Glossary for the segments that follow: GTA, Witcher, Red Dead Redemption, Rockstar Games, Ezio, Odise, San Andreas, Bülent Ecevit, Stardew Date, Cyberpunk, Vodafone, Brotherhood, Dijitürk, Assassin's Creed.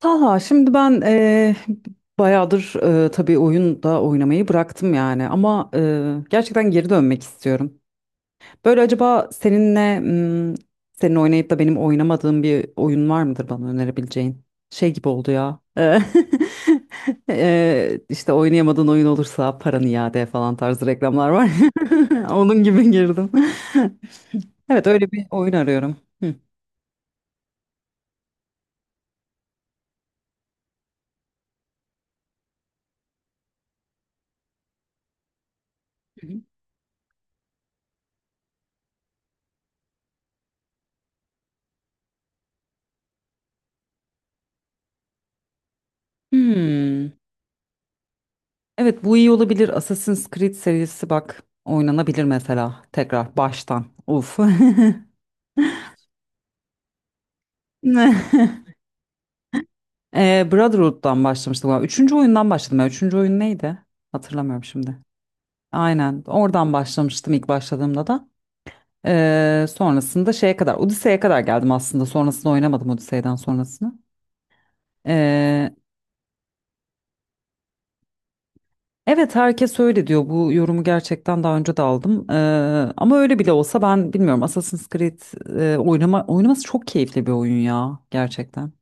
Talha, şimdi ben bayağıdır, tabii oyun da oynamayı bıraktım yani ama gerçekten geri dönmek istiyorum. Böyle acaba seninle, senin oynayıp da benim oynamadığım bir oyun var mıdır bana önerebileceğin? Şey gibi oldu ya. İşte oynayamadığın oyun olursa paranı iade falan tarzı reklamlar var. Onun gibi girdim. Evet, öyle bir oyun arıyorum. Hı. Hmm. Evet, bu iyi olabilir. Assassin's Creed serisi bak, oynanabilir mesela tekrar baştan. Uf. Brotherhood'dan başlamıştım galiba. Üçüncü oyundan başladım ya. Üçüncü oyun neydi? Hatırlamıyorum şimdi. Aynen oradan başlamıştım ilk başladığımda da. Sonrasında şeye kadar, Odise'ye kadar geldim aslında. Sonrasında oynamadım Odise'den sonrasını. Ee, Evet, herkes öyle diyor. Bu yorumu gerçekten daha önce de aldım. Ama öyle bile olsa ben bilmiyorum. Assassin's Creed, oynaması çok keyifli bir oyun ya gerçekten.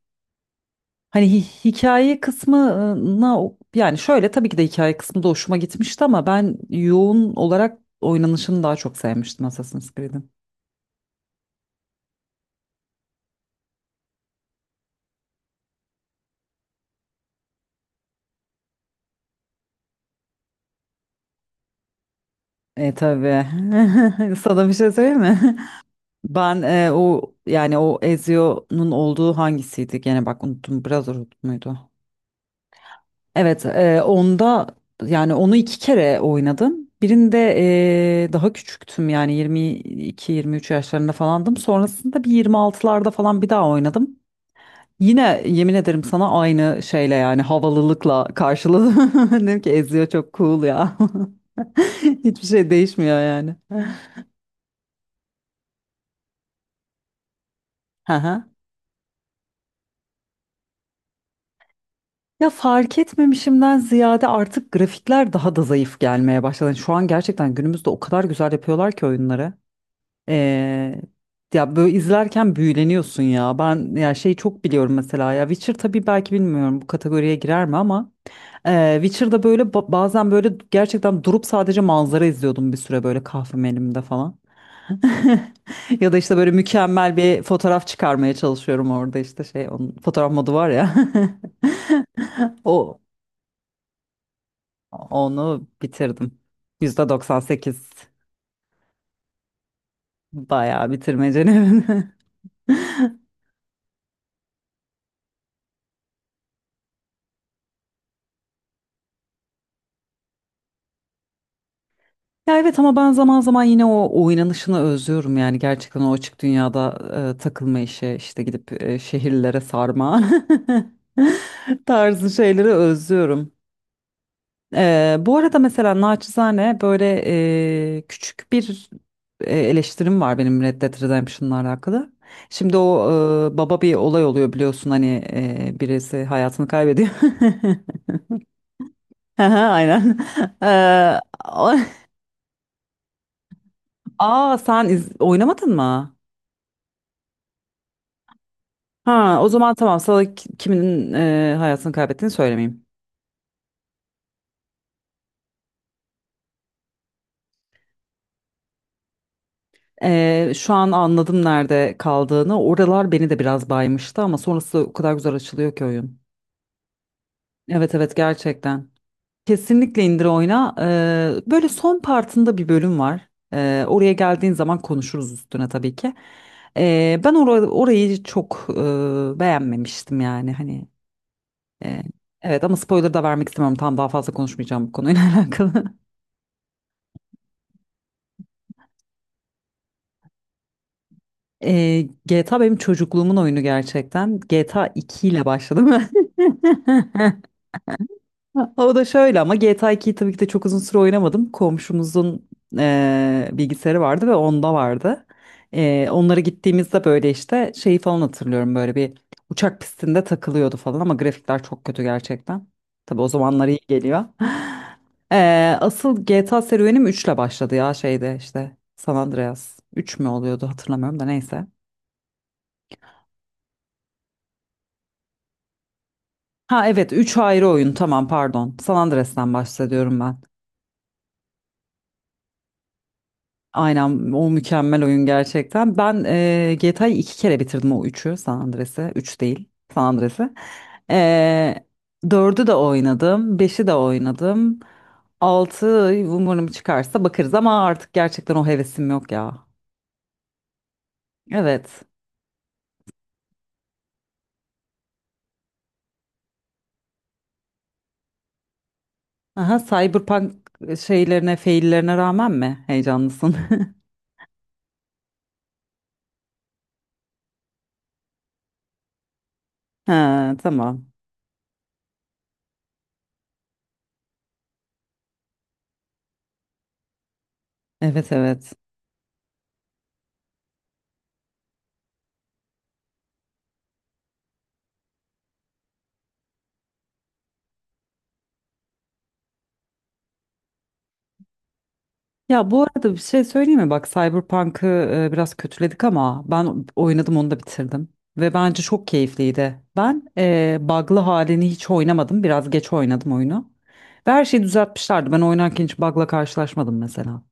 Hani hikaye kısmına, yani şöyle tabii ki de hikaye kısmı da hoşuma gitmişti ama ben yoğun olarak oynanışını daha çok sevmiştim Assassin's Creed'in. E tabii. Sana bir şey söyleyeyim mi? Ben, o yani o Ezio'nun olduğu hangisiydi? Gene bak, unuttum. Brotherhood muydu? Evet, onda yani onu iki kere oynadım. Birinde daha küçüktüm, yani 22-23 yaşlarında falandım. Sonrasında bir 26'larda falan bir daha oynadım. Yine yemin ederim sana aynı şeyle, yani havalılıkla karşıladım. Dedim ki, eziyor çok cool ya. Hiçbir şey değişmiyor yani. Hı hı. Ya, fark etmemişimden ziyade artık grafikler daha da zayıf gelmeye başladı. Yani şu an gerçekten günümüzde o kadar güzel yapıyorlar ki oyunları. Ee, ya böyle izlerken büyüleniyorsun ya. Ben ya şey çok biliyorum mesela, ya Witcher, tabii belki bilmiyorum bu kategoriye girer mi ama Witcher'da böyle bazen böyle gerçekten durup sadece manzara izliyordum bir süre, böyle kahvem elimde falan. Ya da işte böyle mükemmel bir fotoğraf çıkarmaya çalışıyorum orada, işte şey, onun fotoğraf modu var ya. O Onu bitirdim. %98 bayağı bitirmecenin. Ya evet, ama ben zaman zaman yine o oynanışını özlüyorum, yani gerçekten o açık dünyada takılma işi, işte gidip şehirlere sarma tarzı şeyleri özlüyorum. Bu arada mesela naçizane böyle küçük bir eleştirim var benim Red Dead Redemption'la alakalı. Şimdi o, baba bir olay oluyor biliyorsun, hani birisi hayatını kaybediyor. Aha, aynen. E, o- Aa, sen oynamadın mı? Ha, o zaman tamam, sana kiminin hayatını kaybettiğini söylemeyeyim. Şu an anladım nerede kaldığını. Oralar beni de biraz baymıştı ama sonrası o kadar güzel açılıyor ki oyun. Evet, evet, gerçekten. Kesinlikle indir, oyna. Böyle son partında bir bölüm var. Oraya geldiğin zaman konuşuruz üstüne tabii ki. Ben orayı çok beğenmemiştim yani hani. e, evet, ama spoiler da vermek istemiyorum. Tam, daha fazla konuşmayacağım bu konuyla alakalı. GTA benim çocukluğumun oyunu gerçekten. GTA 2 ile başladım ben. O da şöyle ama, GTA 2'yi tabii ki de çok uzun süre oynamadım. Komşumuzun bilgisayarı vardı ve onda vardı. Onlara gittiğimizde böyle işte şeyi falan hatırlıyorum, böyle bir uçak pistinde takılıyordu falan, ama grafikler çok kötü gerçekten. Tabii o zamanlar iyi geliyor. Asıl GTA serüvenim 3 ile başladı ya, şeyde, işte San Andreas. Üç mü oluyordu, hatırlamıyorum da neyse. Ha evet, 3 ayrı oyun, tamam pardon. San Andreas'tan bahsediyorum ben. Aynen, o mükemmel oyun gerçekten. Ben, GTA'yı iki kere bitirdim, o üçü, San Andreas'ı. 3 değil, San Andreas'ı. E, 4'ü de oynadım. Beşi de oynadım. 6 umarım çıkarsa bakarız ama artık gerçekten o hevesim yok ya. Evet. Aha, Cyberpunk şeylerine, faillerine rağmen mi heyecanlısın? Ha, tamam. Evet, evet. Ya, bu arada bir şey söyleyeyim mi? Bak, Cyberpunk'ı biraz kötüledik ama ben oynadım, onu da bitirdim. Ve bence çok keyifliydi. Ben bug'lı halini hiç oynamadım. Biraz geç oynadım oyunu. Ve her şeyi düzeltmişlerdi. Ben oynarken hiç bug'la karşılaşmadım mesela.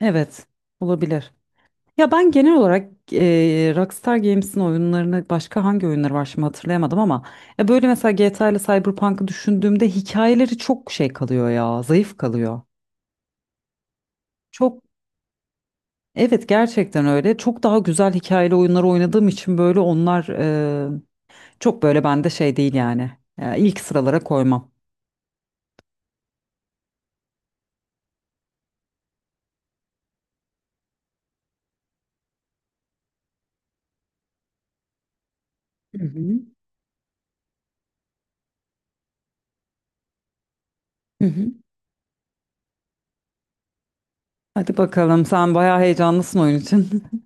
Evet, olabilir. Ya, ben genel olarak Rockstar Games'in oyunlarını, başka hangi oyunları var şimdi hatırlayamadım ama, böyle mesela GTA ile Cyberpunk'ı düşündüğümde hikayeleri çok şey kalıyor ya, zayıf kalıyor. Çok Evet, gerçekten öyle. Çok daha güzel hikayeli oyunlar oynadığım için böyle onlar çok böyle bende şey değil yani. İlk sıralara koymam. Hı hı. Hı hı. Hadi bakalım, sen bayağı heyecanlısın oyun için.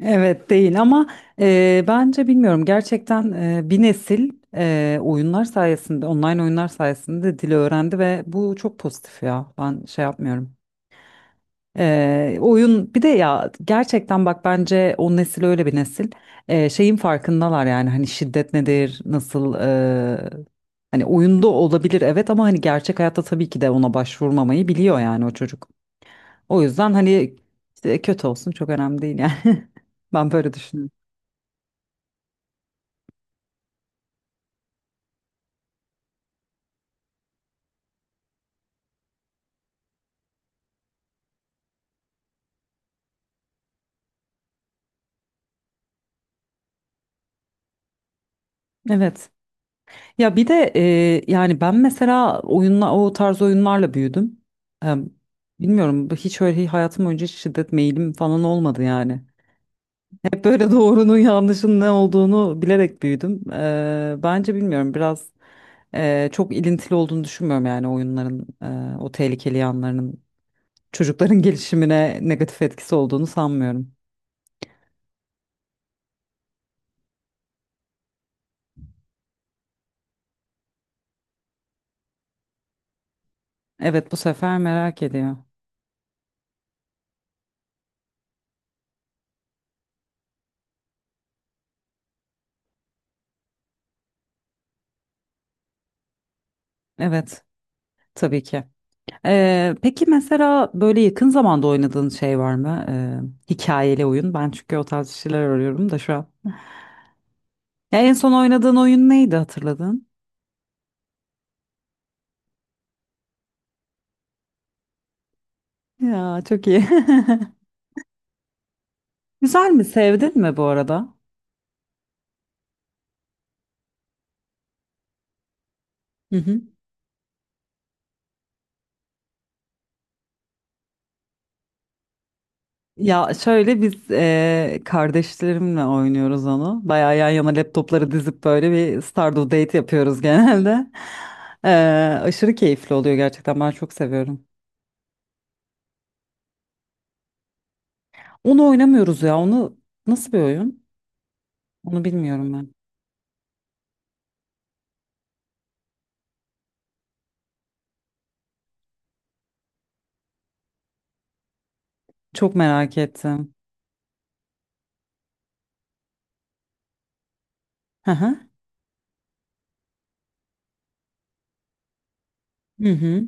Evet değil ama bence bilmiyorum gerçekten, bir nesil oyunlar sayesinde, online oyunlar sayesinde dili öğrendi ve bu çok pozitif ya. Ben şey yapmıyorum. Oyun bir de ya, gerçekten bak, bence o nesil öyle bir nesil, şeyin farkındalar, yani hani şiddet nedir nasıl, hani oyunda olabilir evet, ama hani gerçek hayatta tabii ki de ona başvurmamayı biliyor yani o çocuk. O yüzden hani işte, kötü olsun çok önemli değil yani, ben böyle düşünüyorum. Evet, ya bir de yani ben mesela o tarz oyunlarla büyüdüm. Ee, bilmiyorum, hiç öyle hayatım önce şiddet meyilim falan olmadı yani. Hep böyle doğrunun yanlışın ne olduğunu bilerek büyüdüm. Bence bilmiyorum biraz, çok ilintili olduğunu düşünmüyorum yani oyunların, o tehlikeli yanlarının çocukların gelişimine negatif etkisi olduğunu sanmıyorum. Evet, bu sefer merak ediyor. Evet, tabii ki. Peki mesela böyle yakın zamanda oynadığın şey var mı? Hikayeli oyun. Ben çünkü o tarz şeyler arıyorum da şu an. Ya, en son oynadığın oyun neydi, hatırladın? Ya, çok iyi. Güzel mi? Sevdin mi bu arada? Hı hı. Ya şöyle, biz kardeşlerimle oynuyoruz onu. Bayağı yan yana laptopları dizip böyle bir Stardew Date yapıyoruz genelde. Eee, aşırı keyifli oluyor gerçekten, ben çok seviyorum. Onu oynamıyoruz ya, onu nasıl bir oyun? Onu bilmiyorum ben. Çok merak ettim. Hı hı. Hı hı.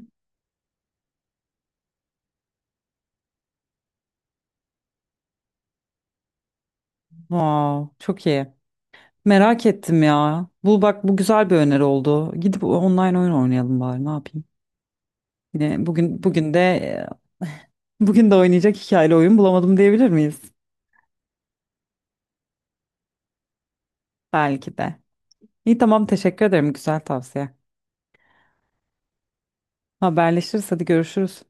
Wow, çok iyi. Merak ettim ya. Bu bak, bu güzel bir öneri oldu. Gidip online oyun oynayalım bari, ne yapayım. Yine bugün bugün de Bugün de oynayacak hikayeli oyun bulamadım, diyebilir miyiz? Belki de. İyi, tamam, teşekkür ederim, güzel tavsiye. Haberleşiriz, hadi görüşürüz.